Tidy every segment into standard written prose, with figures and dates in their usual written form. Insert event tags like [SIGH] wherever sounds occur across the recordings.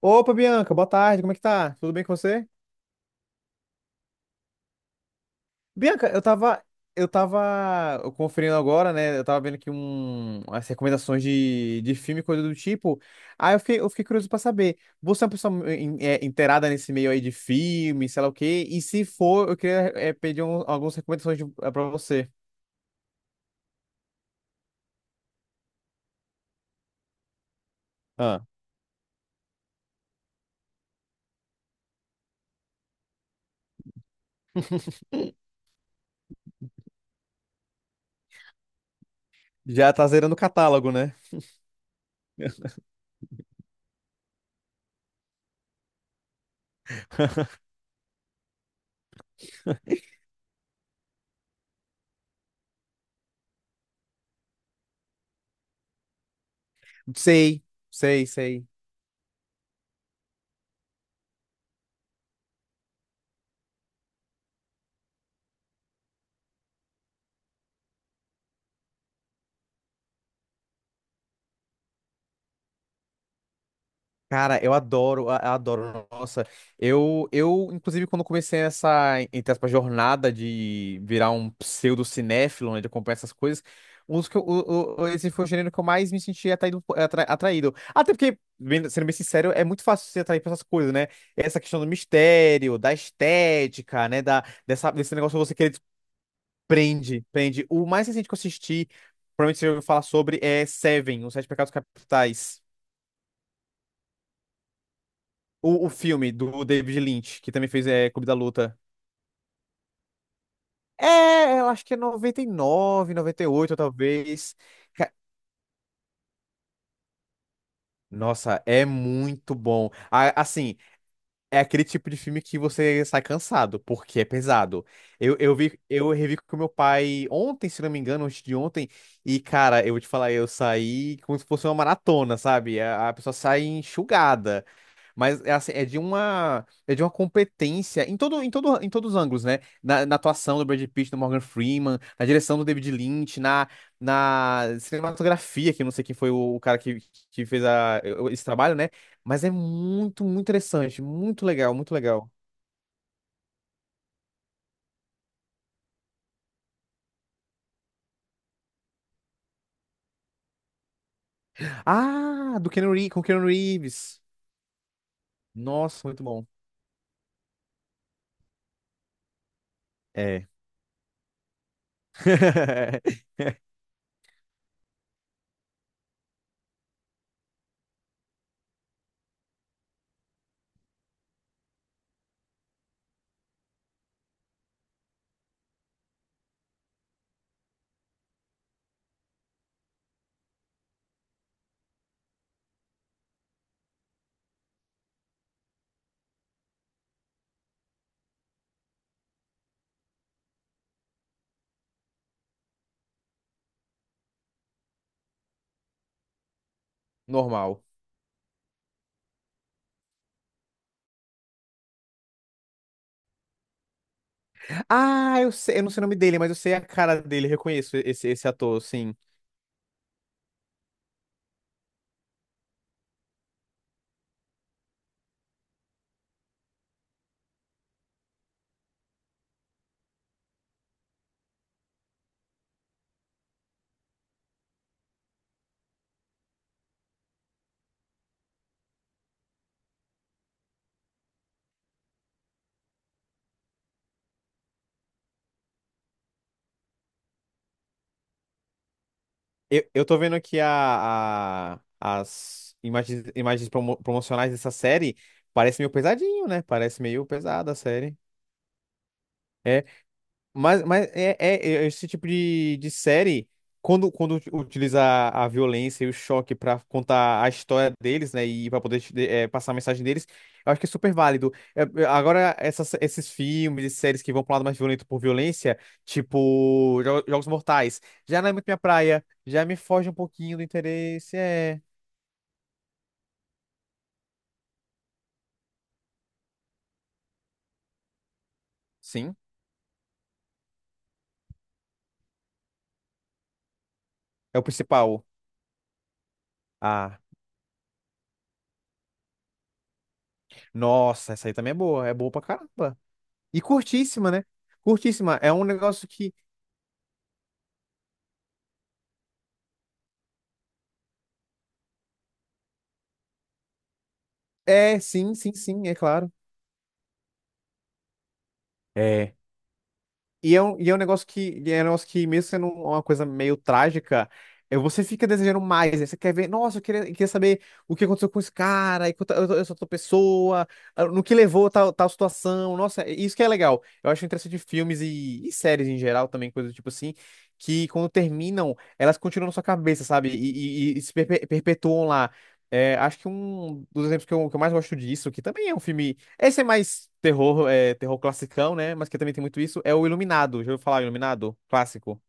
Opa, Bianca, boa tarde, como é que tá? Tudo bem com você? Bianca, eu tava conferindo agora, né? Eu tava vendo aqui as recomendações de filme, coisa do tipo. Aí eu fiquei curioso pra saber, você é uma pessoa inteirada nesse meio aí de filme, sei lá o quê? E se for, eu queria pedir algumas recomendações pra você. Ah, já tá zerando o catálogo, né? [LAUGHS] Sei, sei, sei. Cara, eu adoro, adoro. Nossa, eu, inclusive, quando comecei essa, entre aspas, jornada de virar um pseudo-cinéfilo, né, de acompanhar essas coisas, um dos que esse foi o gênero que eu mais me senti atraído. Até porque, sendo bem sincero, é muito fácil se atrair por essas coisas, né? Essa questão do mistério, da estética, né, desse negócio que você querer prende, prende. O mais recente que eu assisti, provavelmente você ouviu falar sobre, é Seven, Os Sete Pecados Capitais. O filme do David Lynch, que também fez Clube da Luta. É, eu acho que é 99, 98 talvez. Ca- Nossa, é muito bom. Assim, é aquele tipo de filme que você sai cansado, porque é pesado. Eu revi com meu pai ontem, se não me engano, antes de ontem, e, cara, eu vou te falar, eu saí como se fosse uma maratona, sabe? A pessoa sai enxugada. Mas é, assim, é de uma competência em todo em todo em todos os ângulos, né? Na atuação do Brad Pitt, do Morgan Freeman, na direção do David Lynch, na cinematografia, que eu não sei quem foi o cara que fez esse trabalho, né? Mas é muito, muito interessante, muito legal, muito legal. Ah, com o Keanu Reeves. Nossa, muito bom. É. [LAUGHS] Normal. Ah, eu sei, eu não sei o nome dele, mas eu sei a cara dele, reconheço esse ator, sim. Eu tô vendo aqui as imagens promocionais dessa série. Parece meio pesadinho, né? Parece meio pesada a série. É, mas é esse tipo de série, quando utiliza a violência e o choque pra contar a história deles, né, e pra poder passar a mensagem deles, eu acho que é super válido. É, é, agora, esses filmes e séries que vão pra um lado mais violento por violência, tipo Jogos Mortais, já não é muito minha praia, já me foge um pouquinho do interesse. É. Sim, é o principal. Ah, nossa, essa aí também é boa pra caramba. E curtíssima, né? Curtíssima, é um negócio que. É, sim, sim, sim, é claro. É. E é um negócio que, mesmo sendo uma coisa meio trágica, você fica desejando mais, né? Você quer ver, nossa, eu queria saber o que aconteceu com esse cara, e com essa outra pessoa, ah, no que levou a tal situação. Nossa, isso que é legal. Eu acho interessante de filmes e séries em geral também, coisas do tipo assim, que quando terminam, elas continuam na sua cabeça, sabe? E se perpetuam lá. É, acho que um dos exemplos que eu mais gosto disso, que também é um filme. Esse é mais terror, terror classicão, né? Mas que também tem muito isso. É o Iluminado. Já ouviu falar Iluminado? Clássico.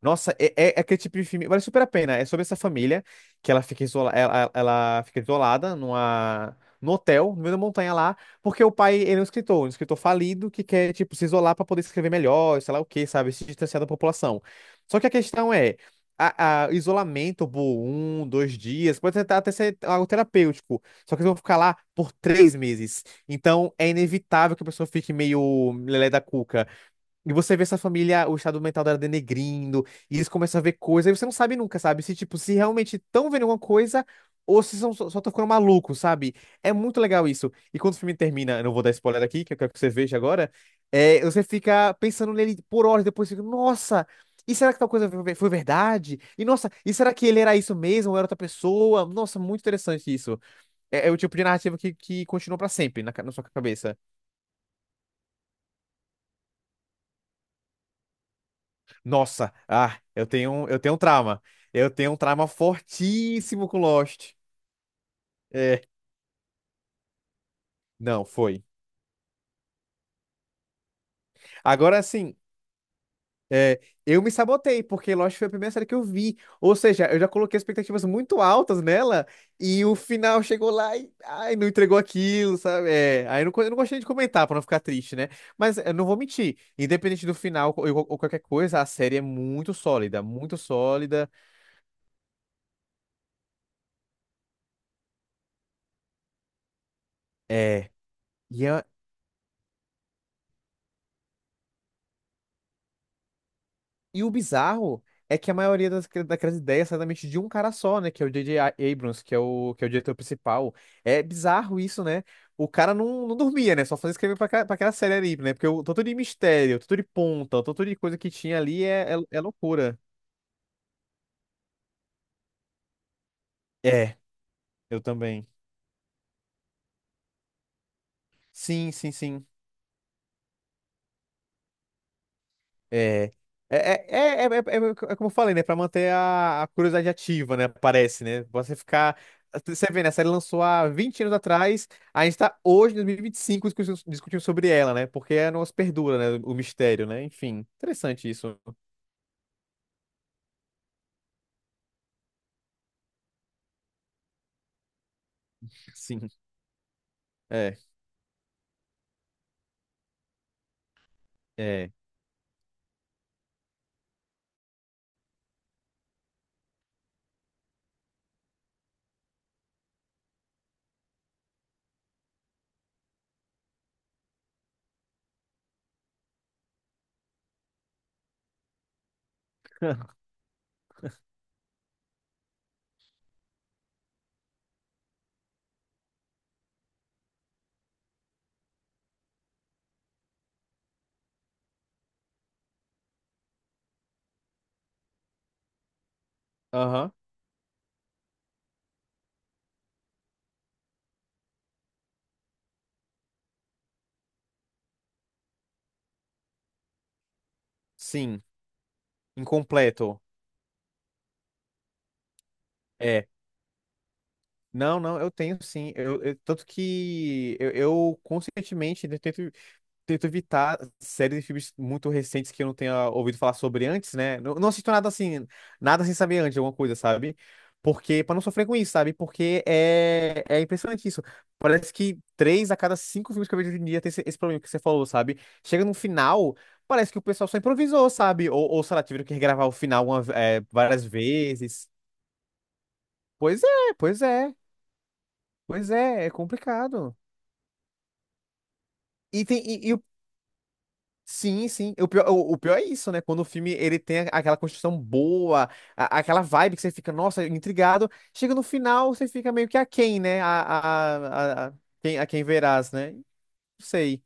Nossa, é aquele tipo de filme. Vale super a pena. É sobre essa família que ela fica isolada num hotel, no meio da montanha lá, porque o pai ele é um escritor falido que quer, tipo, se isolar para poder escrever melhor, sei lá o quê, sabe? Se distanciar da população. Só que a questão é. Isolamento por um, dois dias, pode tentar até ser algo terapêutico, só que eles vão ficar lá por 3 meses. Então é inevitável que a pessoa fique meio lelé da cuca. E você vê essa família, o estado mental dela denegrindo, e eles começam a ver coisas, e você não sabe nunca, sabe? Se, tipo, se realmente estão vendo alguma coisa, ou se são, só estão ficando malucos, sabe? É muito legal isso. E quando o filme termina, eu não vou dar spoiler aqui, que eu quero que você veja agora, você fica pensando nele por horas, depois fica, nossa, e será que tal coisa foi verdade? E nossa, e será que ele era isso mesmo, ou era outra pessoa? Nossa, muito interessante isso. É, é o tipo de narrativa que continua pra sempre na sua cabeça. Nossa, ah, eu tenho um trauma. Eu tenho um trauma fortíssimo com Lost. É, não, foi. Agora assim, é, eu me sabotei, porque Lost foi a primeira série que eu vi. Ou seja, eu já coloquei expectativas muito altas nela e o final chegou lá e ai, não entregou aquilo, sabe? É, aí eu não gostei de comentar pra não ficar triste, né? Mas eu não vou mentir, independente do final ou qualquer coisa, a série é muito sólida, muito sólida. É. E é. E o bizarro é que a maioria daquelas ideias sai da mente de um cara só, né? Que é o J.J. Abrams, que é o diretor principal. É bizarro isso, né? O cara não dormia, né? Só fazia escrever pra aquela série ali, né? Porque o tanto de mistério, o tanto de ponta, o tanto de coisa que tinha ali é loucura. É, eu também. Sim, sim, sim. É. É como eu falei, né? Pra manter a curiosidade ativa, né? Parece, né? Você ficar. Você vê, né? A série lançou há 20 anos atrás, a gente tá hoje, em 2025, discutindo sobre ela, né? Porque é nosso perdura, né? O mistério, né? Enfim, interessante isso. Sim. É, é. Aham. Sim. Incompleto. É. Não, não, eu tenho sim. Tanto que eu conscientemente né, tento evitar séries e filmes muito recentes que eu não tenha ouvido falar sobre antes, né? Não, não assisto nada assim, nada sem saber antes de alguma coisa, sabe? Porque, pra não sofrer com isso, sabe? Porque é impressionante isso. Parece que três a cada cinco filmes que eu vejo hoje em dia tem esse problema que você falou, sabe? Chega no final, parece que o pessoal só improvisou, sabe? Ou sei lá, tiveram que regravar o final várias vezes. Pois é, pois é, pois é, é complicado. E tem, e o. Sim, sim. O pior, o pior é isso, né? Quando o filme ele tem aquela construção boa, aquela vibe que você fica, nossa, intrigado. Chega no final, você fica meio que aquém, né? A, a- a quem verás, né? Não sei.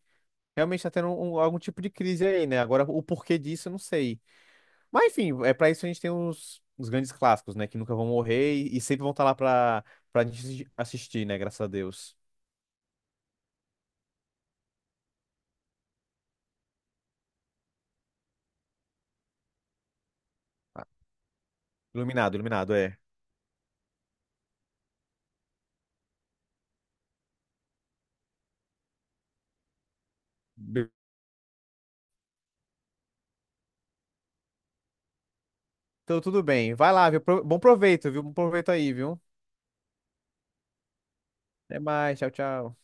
Realmente tá tendo algum tipo de crise aí, né? Agora, o porquê disso, eu não sei. Mas, enfim, é pra isso a gente tem os grandes clássicos, né? Que nunca vão morrer e sempre vão estar lá pra gente assistir, né? Graças a Deus. Iluminado, iluminado, é. Então, tudo bem. Vai lá, viu? Bom proveito, viu? Bom proveito aí, viu? Até mais, tchau, tchau.